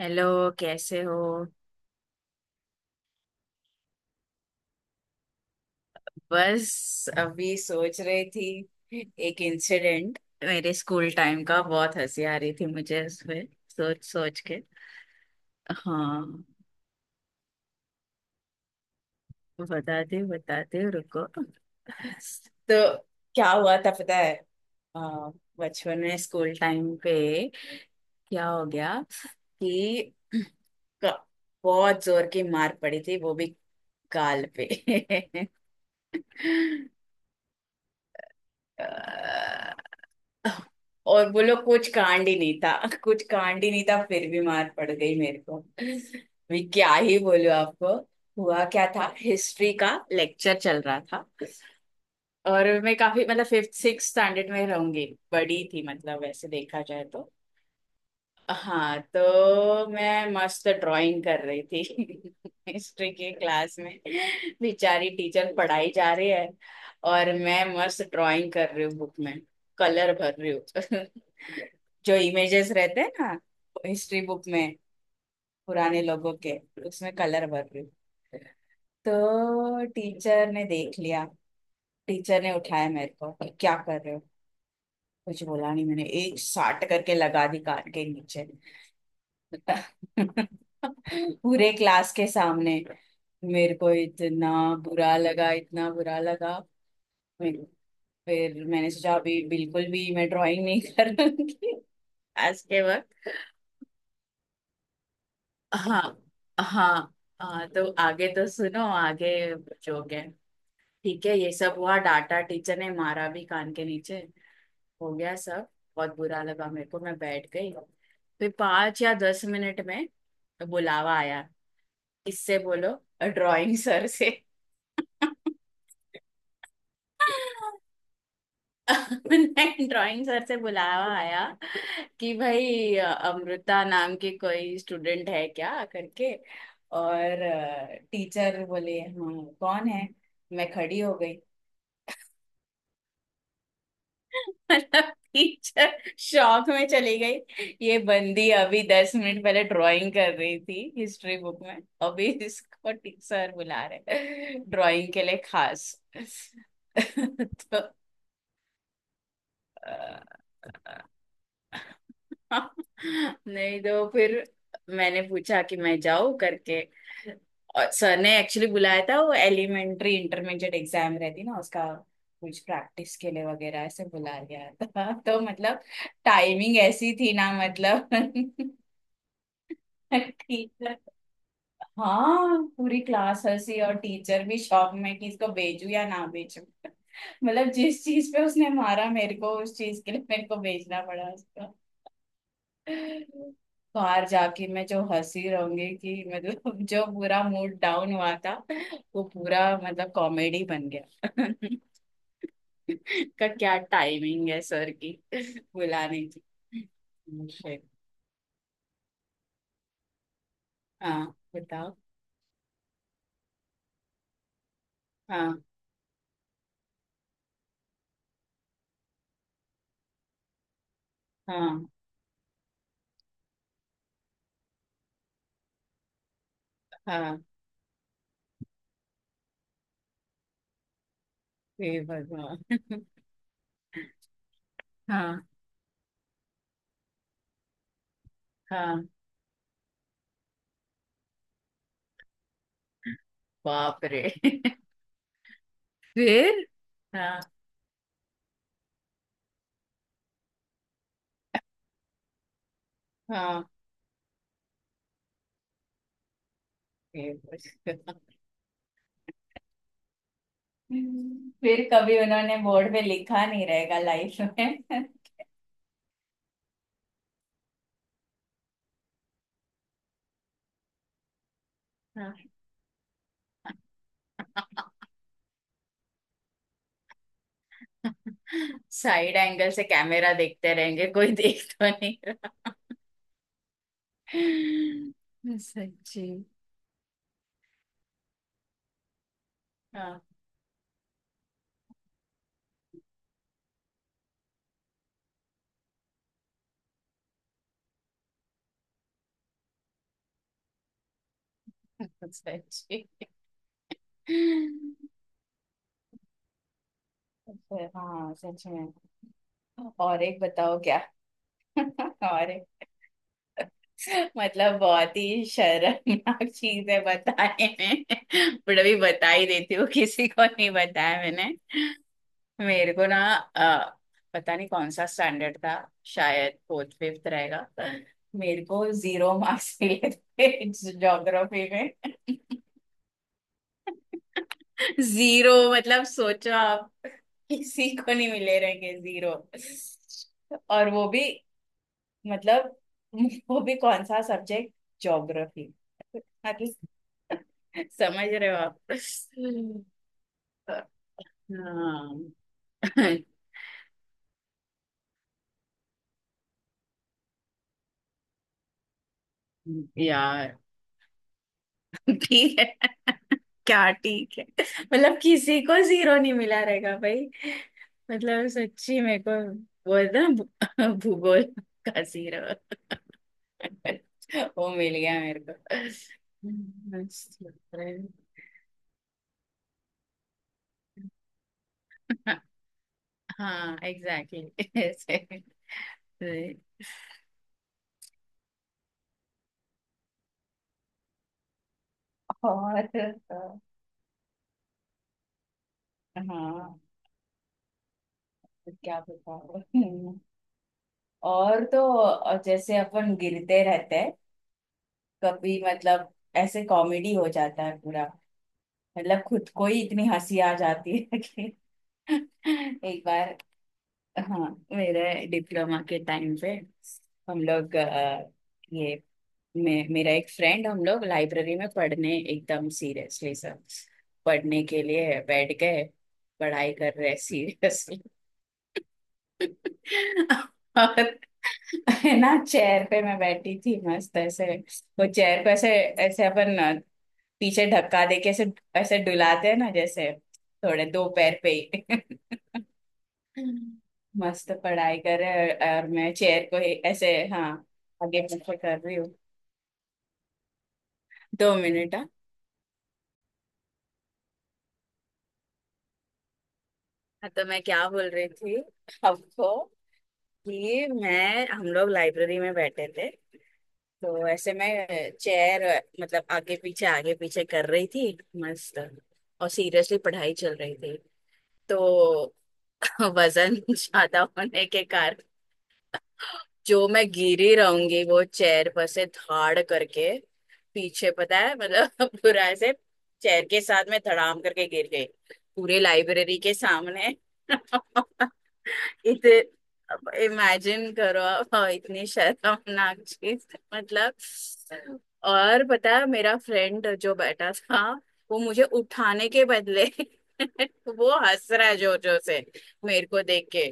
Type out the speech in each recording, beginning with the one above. Hello. कैसे हो? बस अभी सोच रही थी एक इंसिडेंट मेरे स्कूल टाइम का, बहुत हंसी आ रही थी मुझे उसमें सोच सोच के। हाँ, बता दे रुको। तो क्या हुआ था पता है? अ, बचपन में स्कूल टाइम पे क्या हो गया कि क- बहुत जोर की मार पड़ी थी, वो भी गाल पे। और बोलो, कुछ कांड ही नहीं था, कुछ कांड ही नहीं था, फिर भी मार पड़ गई मेरे को। मैं क्या ही बोलूं आपको। हुआ क्या था, हिस्ट्री का लेक्चर चल रहा था और मैं काफी, मतलब फिफ्थ सिक्स स्टैंडर्ड में रहूंगी, बड़ी थी मतलब, वैसे देखा जाए तो। हाँ तो मैं मस्त ड्राइंग कर रही थी हिस्ट्री की क्लास में। बेचारी टीचर पढ़ाई जा रही है और मैं मस्त ड्राइंग कर रही हूँ बुक में, कलर भर रही हूँ। जो इमेजेस रहते हैं ना हिस्ट्री बुक में, पुराने लोगों के, उसमें कलर भर रही हूँ। तो टीचर ने देख लिया। टीचर ने उठाया मेरे को, क्या कर रहे हो? कुछ बोला नहीं मैंने, एक साट करके लगा दी कान के नीचे, पूरे क्लास के सामने। मेरे को इतना बुरा लगा, इतना बुरा लगा। मेरे- फिर मैंने सोचा अभी बिल्कुल भी मैं ड्राइंग नहीं करूंगी आज के वक्त। हाँ, हाँ, हाँ तो आगे तो सुनो आगे। जो गए, ठीक है, ये सब हुआ, डांटा टीचर ने, मारा भी कान के नीचे, हो गया सब। बहुत बुरा लगा मेरे को, मैं बैठ गई। फिर 5 या 10 मिनट में बुलावा आया, इससे बोलो, ड्राइंग सर से। मैंने ड्राइंग सर से बुलावा आया कि भाई अमृता नाम की कोई स्टूडेंट है क्या करके। और टीचर बोले हाँ कौन है, मैं खड़ी हो गई। मतलब टीचर शौक में चली गई, ये बंदी अभी 10 मिनट पहले ड्राइंग कर रही थी हिस्ट्री बुक में, अभी इसको टीचर बुला रहे ड्राइंग के लिए खास। तो नहीं, तो फिर मैंने पूछा कि मैं जाऊँ करके। और सर ने एक्चुअली बुलाया था, वो एलिमेंट्री इंटरमीडिएट एग्जाम रहती ना उसका, कुछ प्रैक्टिस के लिए वगैरह ऐसे बुला गया था। तो मतलब टाइमिंग ऐसी थी ना मतलब। टीचर, हाँ, पूरी क्लास हंसी और टीचर भी शॉक में कि इसको भेजू या ना भेजू। मतलब जिस चीज पे उसने मारा मेरे को, उस चीज के लिए मेरे को भेजना पड़ा उसको। बाहर जाके मैं जो हंसी रहूंगी, कि मतलब जो पूरा मूड डाउन हुआ था वो पूरा मतलब कॉमेडी बन गया। का क्या टाइमिंग है सर की बुलाने की। Shit. हाँ बताओ। हाँ, हाँ, हाँ। हे भगवान। हाँ, हाँ। बाप रे। फिर। हाँ, हाँ। हे भगवान। फिर कभी उन्होंने बोर्ड पे लिखा नहीं रहेगा लाइफ में। हाँ, साइड एंगल से कैमरा देखते रहेंगे, कोई देख तो नहीं रहा। सच्ची। हाँ, सच्ची। अच्छा, हाँ सच में। और एक बताओ क्या। और एक, मतलब बहुत ही शर्मनाक चीज है बताने में, बट अभी बता ही देती हूँ, किसी को नहीं बताया मैंने। मेरे को ना, पता नहीं कौन सा स्टैंडर्ड था, शायद फोर्थ फिफ्थ रहेगा, मेरे को जीरो मार्क्स मिले थे ज्योग्राफी में। जीरो, मतलब सोचो आप, किसी को नहीं मिले रहेंगे जीरो। और वो भी, मतलब वो भी कौन सा सब्जेक्ट, ज्योग्राफी। मतलब समझ रहे हो आप। हाँ। यार। ठीक है। क्या ठीक है, मतलब किसी को जीरो नहीं मिला रहेगा भाई। मतलब सच्ची, मेरे को बोल ना भूगोल का जीरो। वो मिल गया मेरे को। हाँ, एग्जैक्टली ऐसे। और हाँ, क्या बताओ। और तो जैसे अपन गिरते रहते हैं, कभी मतलब, ऐसे कॉमेडी हो जाता है पूरा, मतलब खुद को ही इतनी हंसी आ जाती है कि एक बार। हाँ, मेरे डिप्लोमा के टाइम पे, हम लोग ये मेरा एक फ्रेंड, हम लोग लाइब्रेरी में पढ़ने एकदम सीरियसली, सब पढ़ने के लिए बैठ गए, पढ़ाई कर रहे सीरियसली। और है ना, चेयर पे मैं बैठी थी मस्त ऐसे, वो चेयर पे ऐसे, ऐसे अपन पीछे धक्का दे के, ऐसे ऐसे डुलाते हैं ना जैसे, थोड़े दो पैर पे ही। मस्त पढ़ाई कर रहे हैं और मैं चेयर को ही ऐसे, हाँ, आगे पीछे कर रही हूँ। 2 मिनट, हाँ। हाँ, तो मैं क्या बोल रही थी आपको, कि मैं हम लोग लाइब्रेरी में बैठे थे, तो ऐसे मैं चेयर, मतलब आगे पीछे कर रही थी मस्त, और सीरियसली पढ़ाई चल रही थी, तो वजन ज्यादा होने के, जो मैं गिरी रहूंगी वो चेयर पर से धाड़ करके पीछे पता है, मतलब पूरा ऐसे चेयर के साथ में धड़ाम करके गिर गई, पूरे लाइब्रेरी के सामने। इतने, इमेजिन करो आप, और इतनी शर्मनाक चीज, मतलब। और पता है मेरा फ्रेंड जो बैठा था, वो मुझे उठाने के बदले वो हंस रहा है जोर जोर से मेरे को देख के,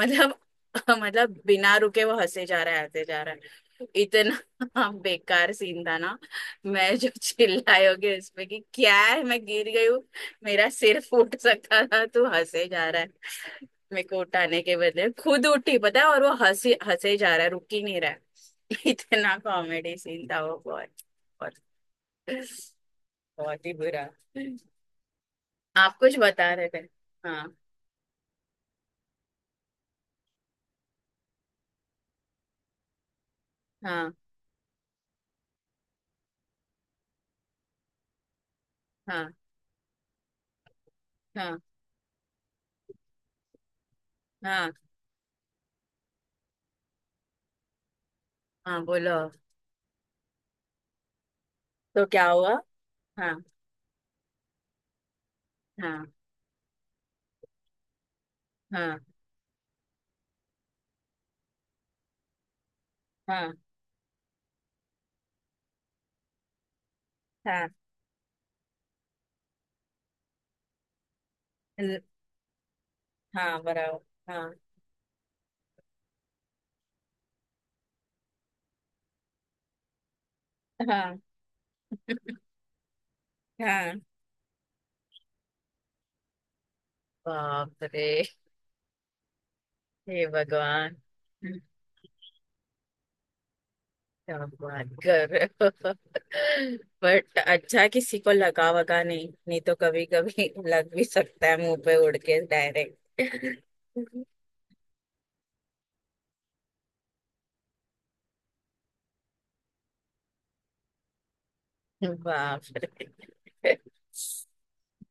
मतलब। मतलब बिना रुके वो हंसे जा रहा है, हंसे जा रहा है, इतना। बेकार सीन था ना। मैं जो चिल्लाई होगी उसमें कि क्या है, मैं गिर गई हूँ, मेरा सिर फूट सकता था, तू हंसे जा रहा है, मेरे को उठाने के बदले खुद उठी पता है, और वो हंसी हंसे जा रहा है, रुक ही नहीं रहा है। इतना कॉमेडी सीन था वो, बहुत, बहुत, बहुत ही बुरा। आप कुछ बता रहे थे। हाँ, हाँ, हाँ, हाँ, हाँ, हाँ, बोलो, तो क्या हुआ। हाँ, हाँ, हाँ, हाँ, हाँ। ल- हाँ, बनाओ। हाँ, हाँ, हाँ। बाप रे। हे भगवान। क्या बात कर रहे हो। बट अच्छा, किसी को लगा वगा नहीं? नहीं तो कभी कभी लग भी सकता है, मुंह पे उड़ के डायरेक्ट। बाप रे।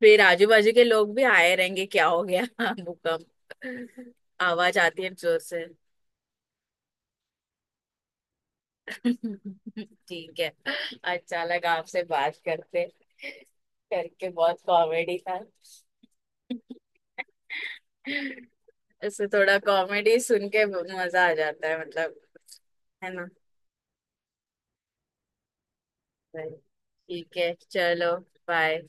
फिर आजू बाजू के लोग भी आए रहेंगे, क्या हो गया भूकंप, आवाज आती है जोर से। ठीक है, अच्छा लगा आपसे बात करते करके, बहुत कॉमेडी था। इससे थोड़ा कॉमेडी सुन के मजा आ जाता है मतलब, है ना? ठीक है चलो, बाय।